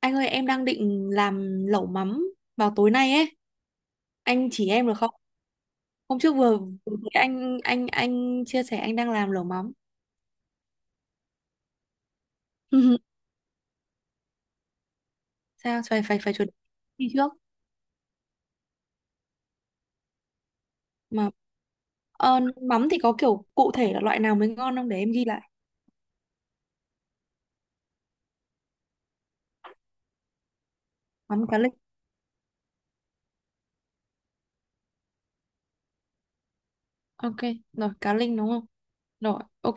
Anh ơi em đang định làm lẩu mắm vào tối nay ấy. Anh chỉ em được không? Hôm trước vừa vừa thấy anh chia sẻ anh đang làm lẩu mắm. Sao phải phải phải chuẩn bị trước mà mắm thì có kiểu cụ thể là loại nào mới ngon không, để em ghi lại. Mắm cá linh. Ok, rồi cá linh đúng không? Rồi, ok.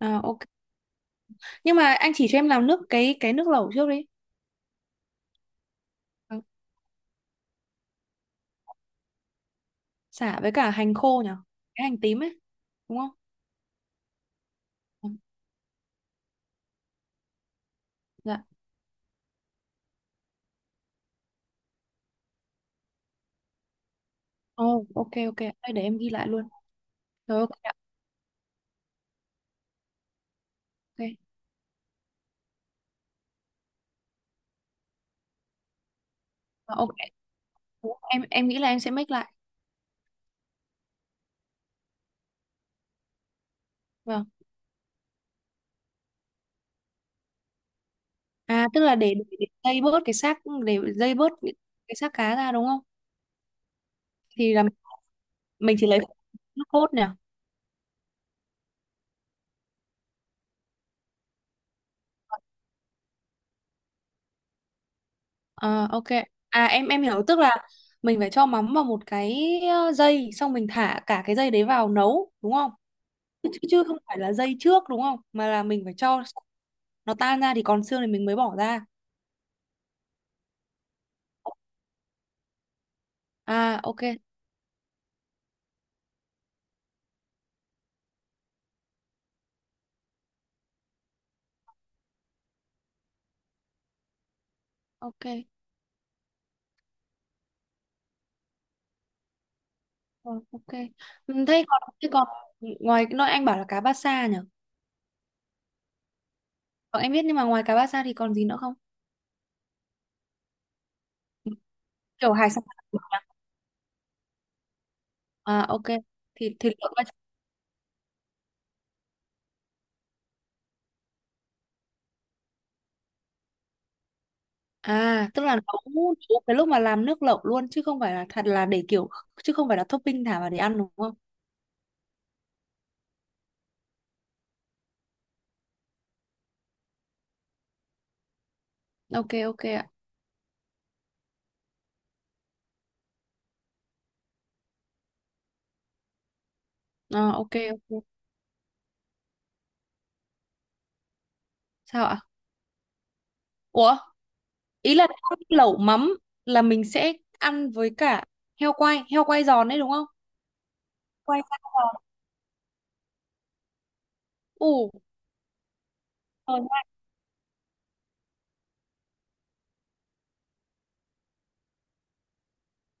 À, ok. Nhưng mà anh chỉ cho em làm nước cái nước lẩu trước đi. Ừ. Sả với cả hành khô nhỉ? Cái hành tím ấy, đúng không? Ừ. Dạ. Oh, ok ok, thôi để em ghi lại luôn. Rồi ok ạ, ok. Ờ, ok. Em nghĩ là em sẽ make lại. Vâng. À tức là để dây bớt cái xác để dây bớt cái xác cá ra đúng không? Thì là mình chỉ lấy nước cốt nè. Ờ, ok. À em hiểu, tức là mình phải cho mắm vào một cái dây, xong mình thả cả cái dây đấy vào nấu đúng không? Chứ không phải là dây trước đúng không? Mà là mình phải cho nó tan ra thì còn xương thì mình mới bỏ ra. À ok, ok. Ờ, ok. Ừ. Thế còn nói anh bảo là cá bát xa nhỉ? Ờ, em biết, nhưng mà ngoài cá bát xa thì còn gì nữa không? Kiểu hải sản, à ok. Thì lộn qua- À tức là nấu nấu cái lúc mà làm nước lẩu luôn, chứ không phải là thật là để kiểu, chứ không phải là topping thả vào để ăn đúng không? Ok ok ạ. Ờ, ok ok. Sao ạ? Ủa, ý là lẩu mắm là mình sẽ ăn với cả heo quay giòn đấy đúng không? Quay giòn. Ủ.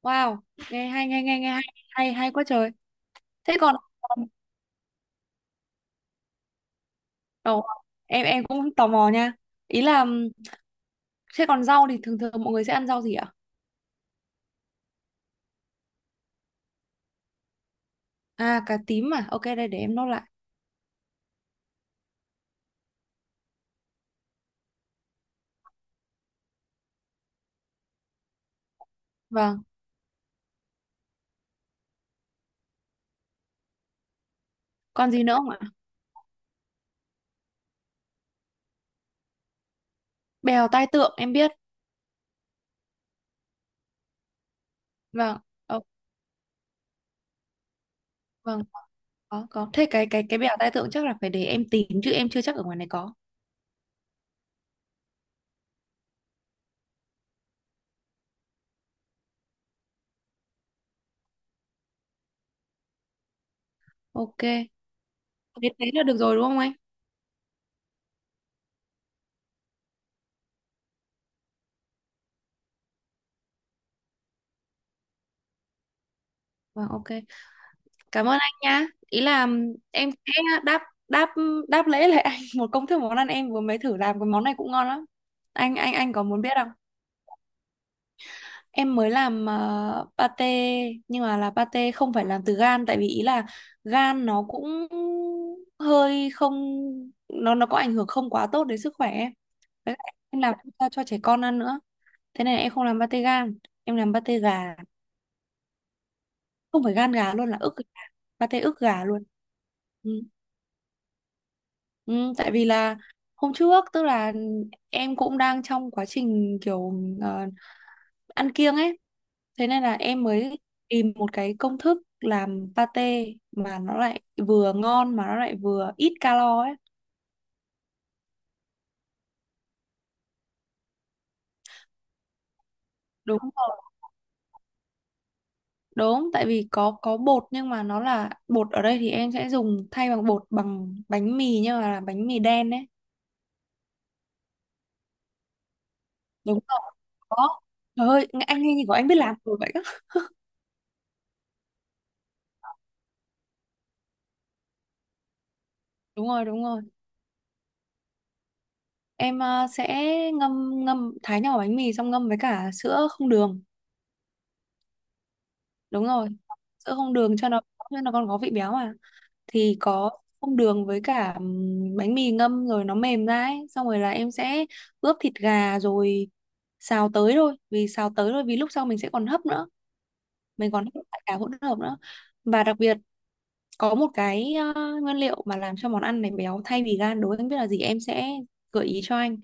Wow, nghe hay, nghe nghe nghe hay hay hay quá trời. Thế còn đầu, em cũng tò mò nha. Ý là thế còn rau thì thường thường mọi người sẽ ăn rau gì ạ? À cà tím à? Ok đây để em nốt lại. Vâng. Còn gì nữa không ạ? Bèo tai tượng em biết. Vâng. Ờ, vâng. Có có. Thế cái bèo tai tượng chắc là phải để em tìm, chứ em chưa chắc ở ngoài này có. Ok. Thế thế là được rồi đúng không anh? Vâng ok. Cảm ơn anh nhá. Ý là em sẽ đáp đáp đáp lễ lại anh một công thức món ăn, em vừa mới thử làm cái món này cũng ngon lắm. Anh có muốn biết không? Em mới làm pate, nhưng mà là pate không phải làm từ gan, tại vì ý là gan nó cũng hơi không, nó có ảnh hưởng không quá tốt đến sức khỏe em. Với lại em làm cho, trẻ con ăn nữa. Thế này em không làm pate gan, em làm pate gà, không phải gan gà luôn, là ức gà, pate ức gà luôn. Ừ. Ừ, tại vì là hôm trước, tức là em cũng đang trong quá trình kiểu ờ, ăn kiêng ấy, thế nên là em mới tìm một cái công thức làm pate mà nó lại vừa ngon mà nó lại vừa ít calo ấy. Đúng rồi, đúng, tại vì có bột, nhưng mà nó là bột ở đây thì em sẽ dùng thay bằng bột bằng bánh mì, nhưng mà là bánh mì đen ấy. Đúng rồi, có. Trời ơi anh nghe như của anh biết làm rồi vậy á. Đúng rồi đúng rồi. Em sẽ ngâm, thái nhỏ bánh mì, xong ngâm với cả sữa không đường. Đúng rồi. Sữa không đường cho nó còn có vị béo mà. Thì có không đường với cả bánh mì ngâm rồi nó mềm ra ấy, xong rồi là em sẽ ướp thịt gà rồi xào tới thôi, vì xào tới thôi vì lúc sau mình sẽ còn hấp nữa, mình còn hấp lại cả hỗn hợp nữa. Và đặc biệt có một cái nguyên liệu mà làm cho món ăn này béo thay vì gan, đố anh biết là gì, em sẽ gợi ý cho anh.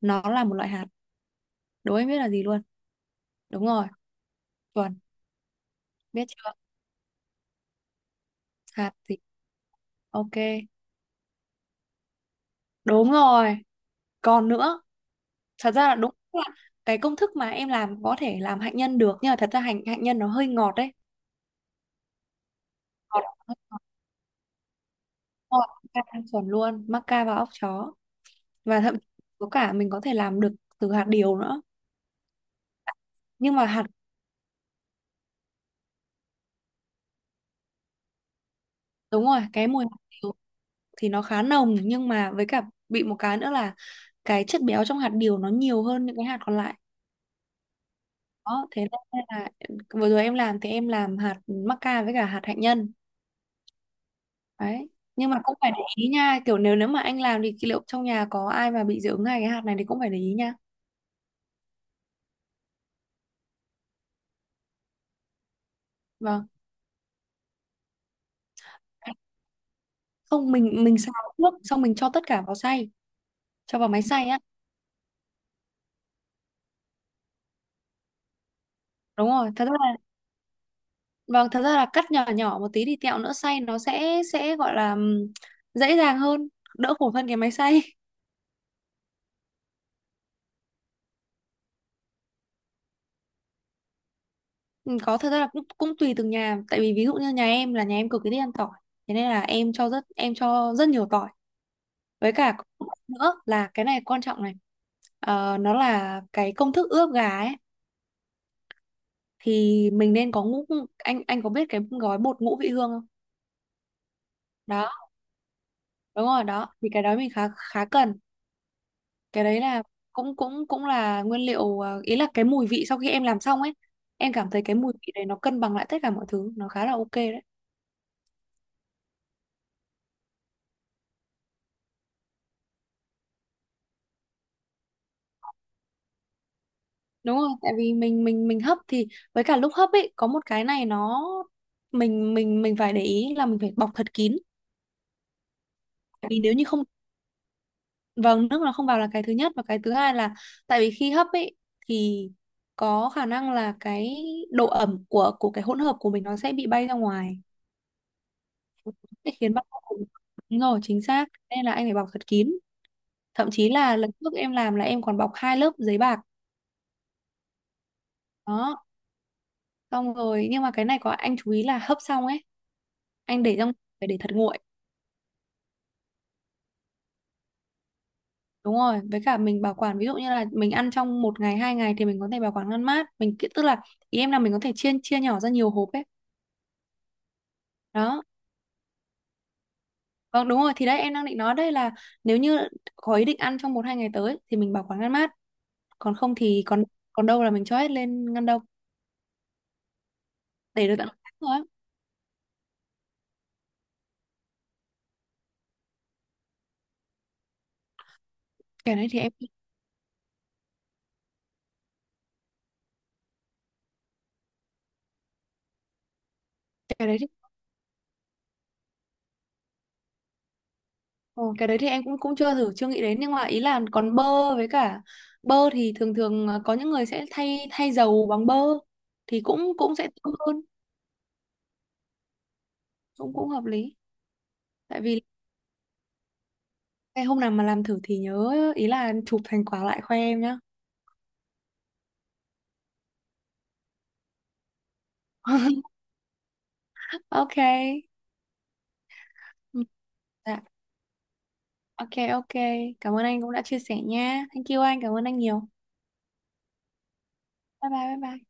Nó là một loại hạt, đố anh biết là gì luôn. Đúng rồi. Chuẩn. Biết chưa? Hạt thì ok. Đúng rồi, còn nữa. Thật ra là đúng là cái công thức mà em làm có thể làm hạnh nhân được, nhưng mà thật ra hạnh hạnh nhân nó hơi ngọt đấy. Ngọt, hơi ngọt, ngọt. Ca thanh chuẩn luôn, mắc ca và óc chó. Và thậm chí có cả, mình có thể làm được từ hạt điều nữa. Nhưng mà hạt, đúng rồi, cái mùi hạt điều thì nó khá nồng, nhưng mà với cả bị một cái nữa là cái chất béo trong hạt điều nó nhiều hơn những cái hạt còn lại. Đó, thế nên là vừa rồi em làm thì em làm hạt mắc ca với cả hạt hạnh nhân. Đấy. Nhưng mà cũng phải để ý nha, kiểu nếu nếu mà anh làm thì liệu trong nhà có ai mà bị dị ứng hay cái hạt này thì cũng phải để ý nha. Vâng. Không, mình xào trước, xong mình cho tất cả vào xay, cho vào máy xay á. Đúng rồi, thật ra là, vâng, thật ra là cắt nhỏ nhỏ một tí thì tẹo nữa xay nó sẽ gọi là dễ dàng hơn, đỡ khổ hơn cái máy xay. Ừ. Có, thật ra là cũng cũng tùy từng nhà, tại vì ví dụ như nhà em là nhà em cực kỳ thích ăn tỏi. Thế nên là em cho rất, em cho rất nhiều tỏi. Với cả có một cái nữa là cái này quan trọng này. Ờ, nó là cái công thức ướp gà ấy, thì mình nên có ngũ, anh có biết cái gói bột ngũ vị hương không? Đó, đúng rồi đó, thì cái đó mình khá khá cần. Cái đấy là cũng cũng cũng là nguyên liệu, ý là cái mùi vị sau khi em làm xong ấy, em cảm thấy cái mùi vị đấy nó cân bằng lại tất cả mọi thứ, nó khá là ok đấy. Đúng rồi, tại vì mình hấp thì với cả lúc hấp ấy có một cái này nó, mình phải để ý là mình phải bọc thật kín, vì nếu như không, vâng, nước nó không vào là cái thứ nhất, và cái thứ hai là tại vì khi hấp ấy thì có khả năng là cái độ ẩm của cái hỗn hợp của mình nó sẽ bị bay ra ngoài, để khiến bắp của mình- Đúng rồi, chính xác, nên là anh phải bọc thật kín, thậm chí là lần trước em làm là em còn bọc 2 lớp giấy bạc. Đó, xong rồi, nhưng mà cái này có anh chú ý là hấp xong ấy anh để trong, phải để thật nguội. Đúng rồi, với cả mình bảo quản ví dụ như là mình ăn trong một ngày hai ngày thì mình có thể bảo quản ngăn mát, mình ki- tức là ý em là mình có thể chia chia nhỏ ra nhiều hộp ấy. Đó. Vâng đúng rồi, thì đấy em đang định nói đây là nếu như có ý định ăn trong một hai ngày tới thì mình bảo quản ngăn mát, còn không thì còn còn đâu là mình cho hết lên ngăn đông, để được tận một tháng rồi á. cái đấy thì em cái đấy thì Ồ, cái đấy thì em cũng cũng chưa thử, chưa nghĩ đến, nhưng mà ý là còn bơ, với cả bơ thì thường thường có những người sẽ thay thay dầu bằng bơ thì cũng cũng sẽ tốt hơn. Cũng cũng hợp lý, tại vì cái hôm nào mà làm thử thì nhớ, ý là chụp thành quả lại khoe em nhá. Ok. Ừ. Dạ. Ok, ok. Cảm ơn anh cũng đã chia sẻ nha. Thank you anh. Cảm ơn anh nhiều. Bye bye, bye bye.